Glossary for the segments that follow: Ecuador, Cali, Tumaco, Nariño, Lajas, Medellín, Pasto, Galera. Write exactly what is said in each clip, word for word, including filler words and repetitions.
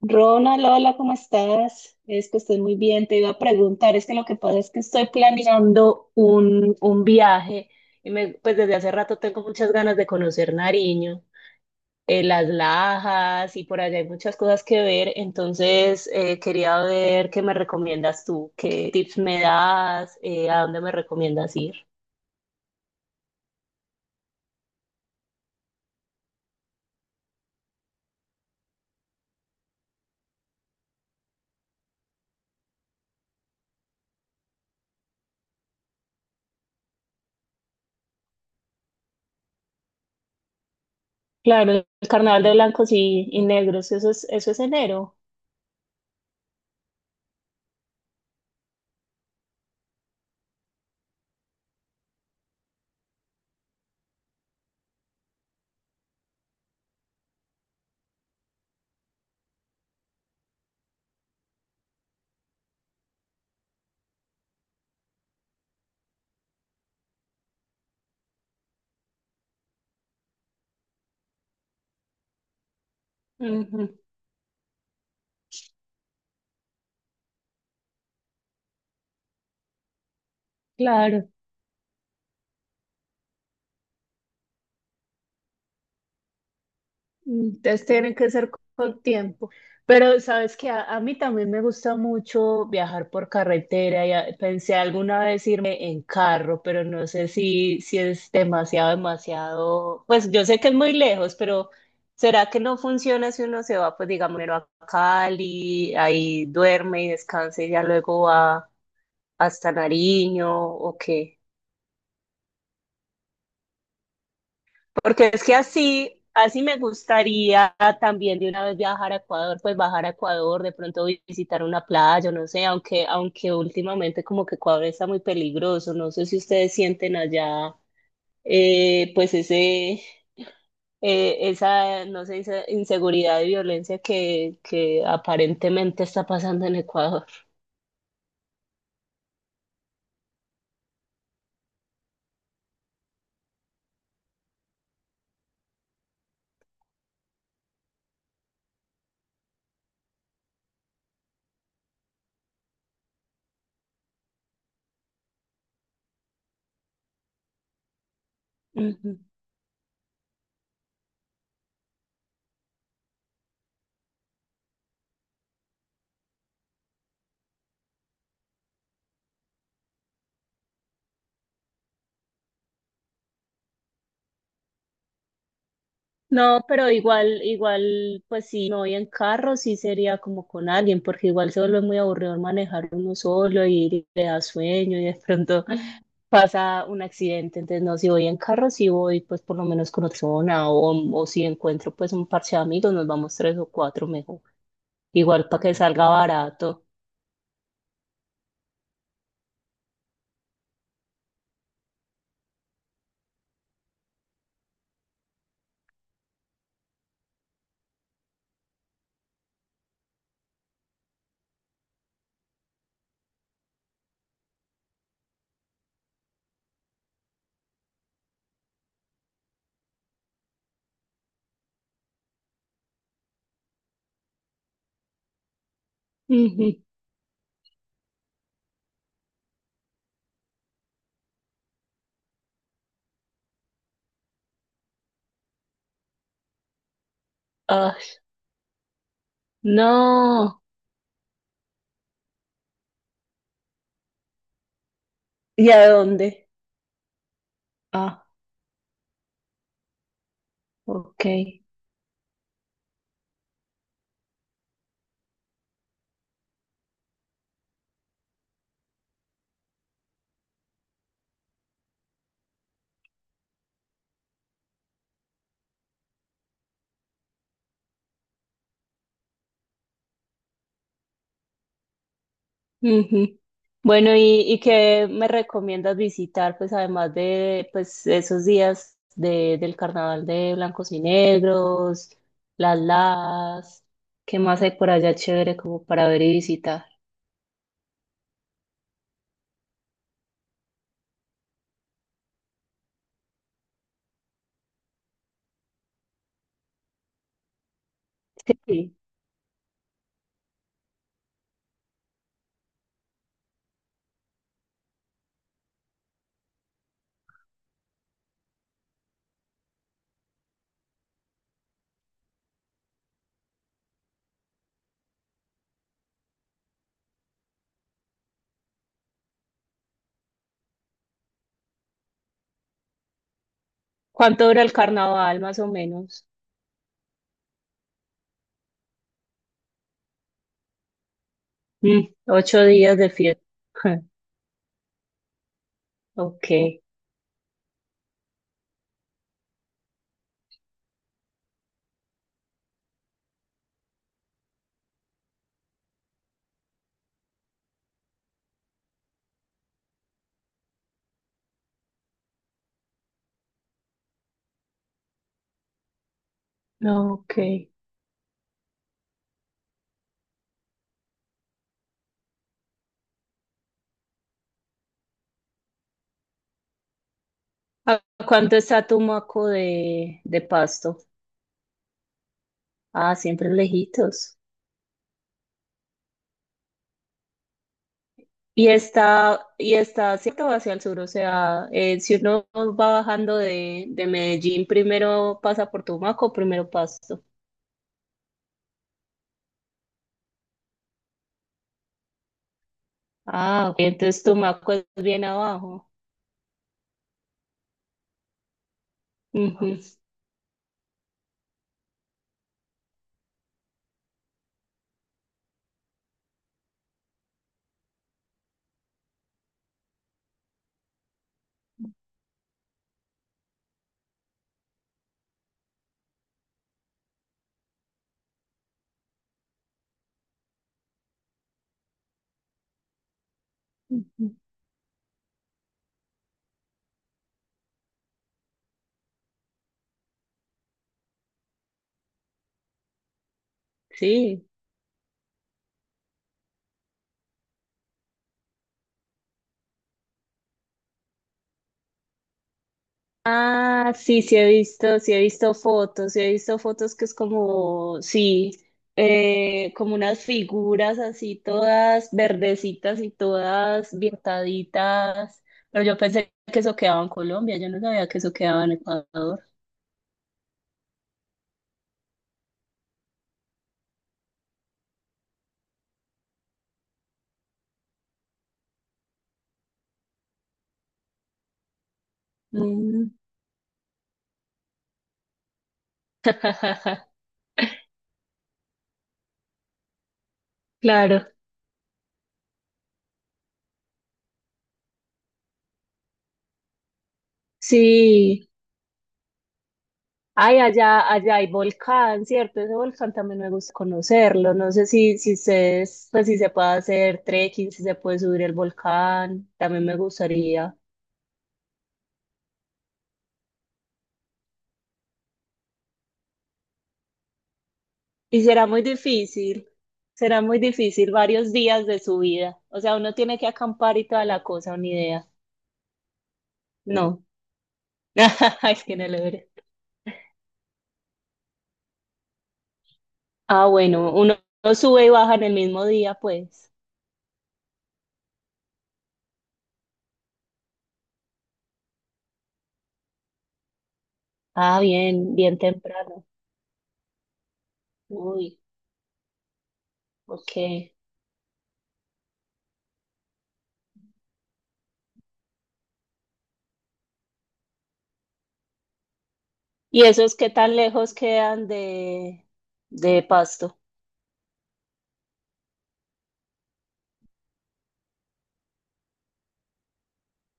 Ronald, hola, ¿cómo estás? Es que estoy muy bien. Te iba a preguntar, es que lo que pasa es que estoy planeando un, un viaje y me, pues desde hace rato tengo muchas ganas de conocer Nariño, eh, las Lajas y por allá hay muchas cosas que ver. Entonces eh, quería ver qué me recomiendas tú, qué tips me das, eh, a dónde me recomiendas ir. Claro, el carnaval de blancos y, y negros, eso es, eso es enero. Ujú, claro. mm, Entonces tiene que ser con tiempo. Pero sabes que a, a mí también me gusta mucho viajar por carretera. Ya pensé alguna vez irme en carro, pero no sé si, si es demasiado, demasiado. Pues yo sé que es muy lejos, pero ¿será que no funciona si uno se va, pues digamos, primero a Cali, ahí duerme y descansa y ya luego va hasta Nariño o qué? Porque es que así, así me gustaría también de una vez viajar a Ecuador, pues bajar a Ecuador, de pronto visitar una playa, no sé, aunque, aunque últimamente como que Ecuador está muy peligroso, no sé si ustedes sienten allá, eh, pues ese, eh, esa, no sé, esa inseguridad y violencia que, que aparentemente está pasando en Ecuador. No, pero igual, igual, pues si me voy en carro, sí sería como con alguien, porque igual se vuelve muy aburrido manejar uno solo y le da sueño y de pronto pasa un accidente. Entonces, no, si voy en carro, sí voy pues por lo menos con otra persona o, o si encuentro pues un parche de amigos, nos vamos tres o cuatro mejor. Igual para que salga barato. Ujú. Ah, no. ¿Y a dónde? Ah, ok. Ujú. Bueno, ¿y, y qué me recomiendas visitar, pues además de pues, esos días de, del carnaval de blancos y negros, las las, qué más hay por allá chévere como para ver y visitar? Sí. ¿Cuánto dura el carnaval más o menos? Mm, ocho días de fiesta. Ok, ok. ¿A cuánto está Tumaco de, de Pasto? Ah, siempre lejitos. Y está, y está cierto hacia el sur, o sea, eh, si uno va bajando de, de Medellín, primero pasa por Tumaco, primero Pasto. Ah, ok, entonces Tumaco es bien abajo. Ujú. Ujú. Sí. Ah, sí, sí he visto, sí he visto fotos, sí he visto fotos que es como, sí, eh, como unas figuras así todas verdecitas y todas viertaditas, pero yo pensé que eso quedaba en Colombia, yo no sabía que eso quedaba en Ecuador. Mm, claro, sí. Ay, allá, allá hay volcán, ¿cierto? Ese volcán también me gusta conocerlo. No sé si, si se, pues, si se puede hacer trekking, si se puede subir el volcán, también me gustaría. Y será muy difícil, será muy difícil varios días de subida. O sea, uno tiene que acampar y toda la cosa, una idea. No, es que no lo veré. Ah, bueno, uno, uno sube y baja en el mismo día, pues. Ah, bien, bien temprano. Uy, ok. ¿Y esos qué tan lejos quedan de, de Pasto?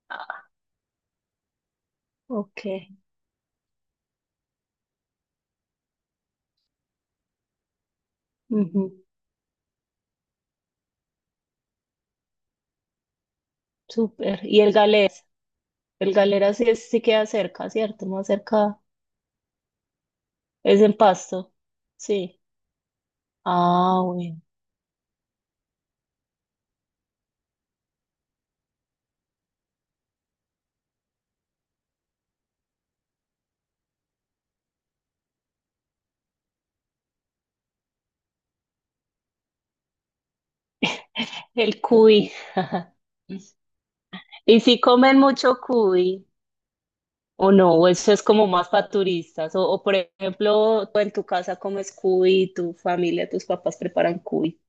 Ah, ok, ujú, súper. ¿Y el Galera? El Galera sí, es- sí queda cerca, ¿cierto? Más cerca. Es en Pasto. Sí. Ah, bueno. El cuy. ¿Y si comen mucho cuy o no? ¿O eso es como más para turistas? O, o, por ejemplo, tú en tu casa comes cuy, tu familia, tus papás preparan cuy.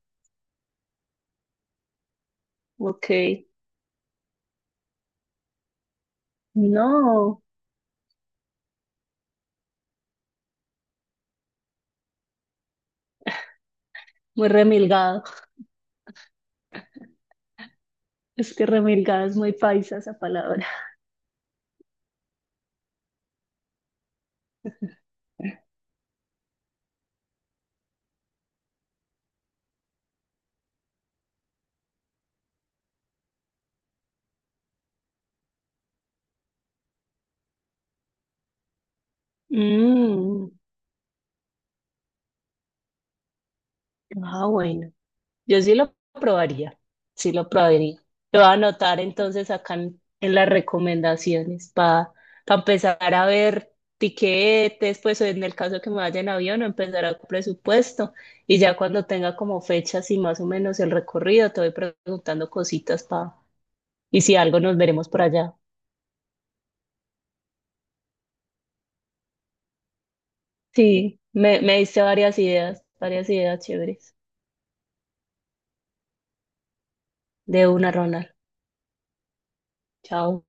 Ok. No, muy remilgado. Es que remilgada es muy paisa esa palabra. Mm, Ah, bueno. Yo sí lo probaría, sí lo probaría. Lo voy a anotar entonces acá en, en las recomendaciones para empezar a ver tiquetes, pues o en el caso que me vaya en avión, empezar a presupuesto y ya cuando tenga como fechas y más o menos el recorrido, te voy preguntando cositas para, y si algo nos veremos por allá. Sí, me, me diste varias ideas, varias ideas chéveres. De una, Ronald. Chao.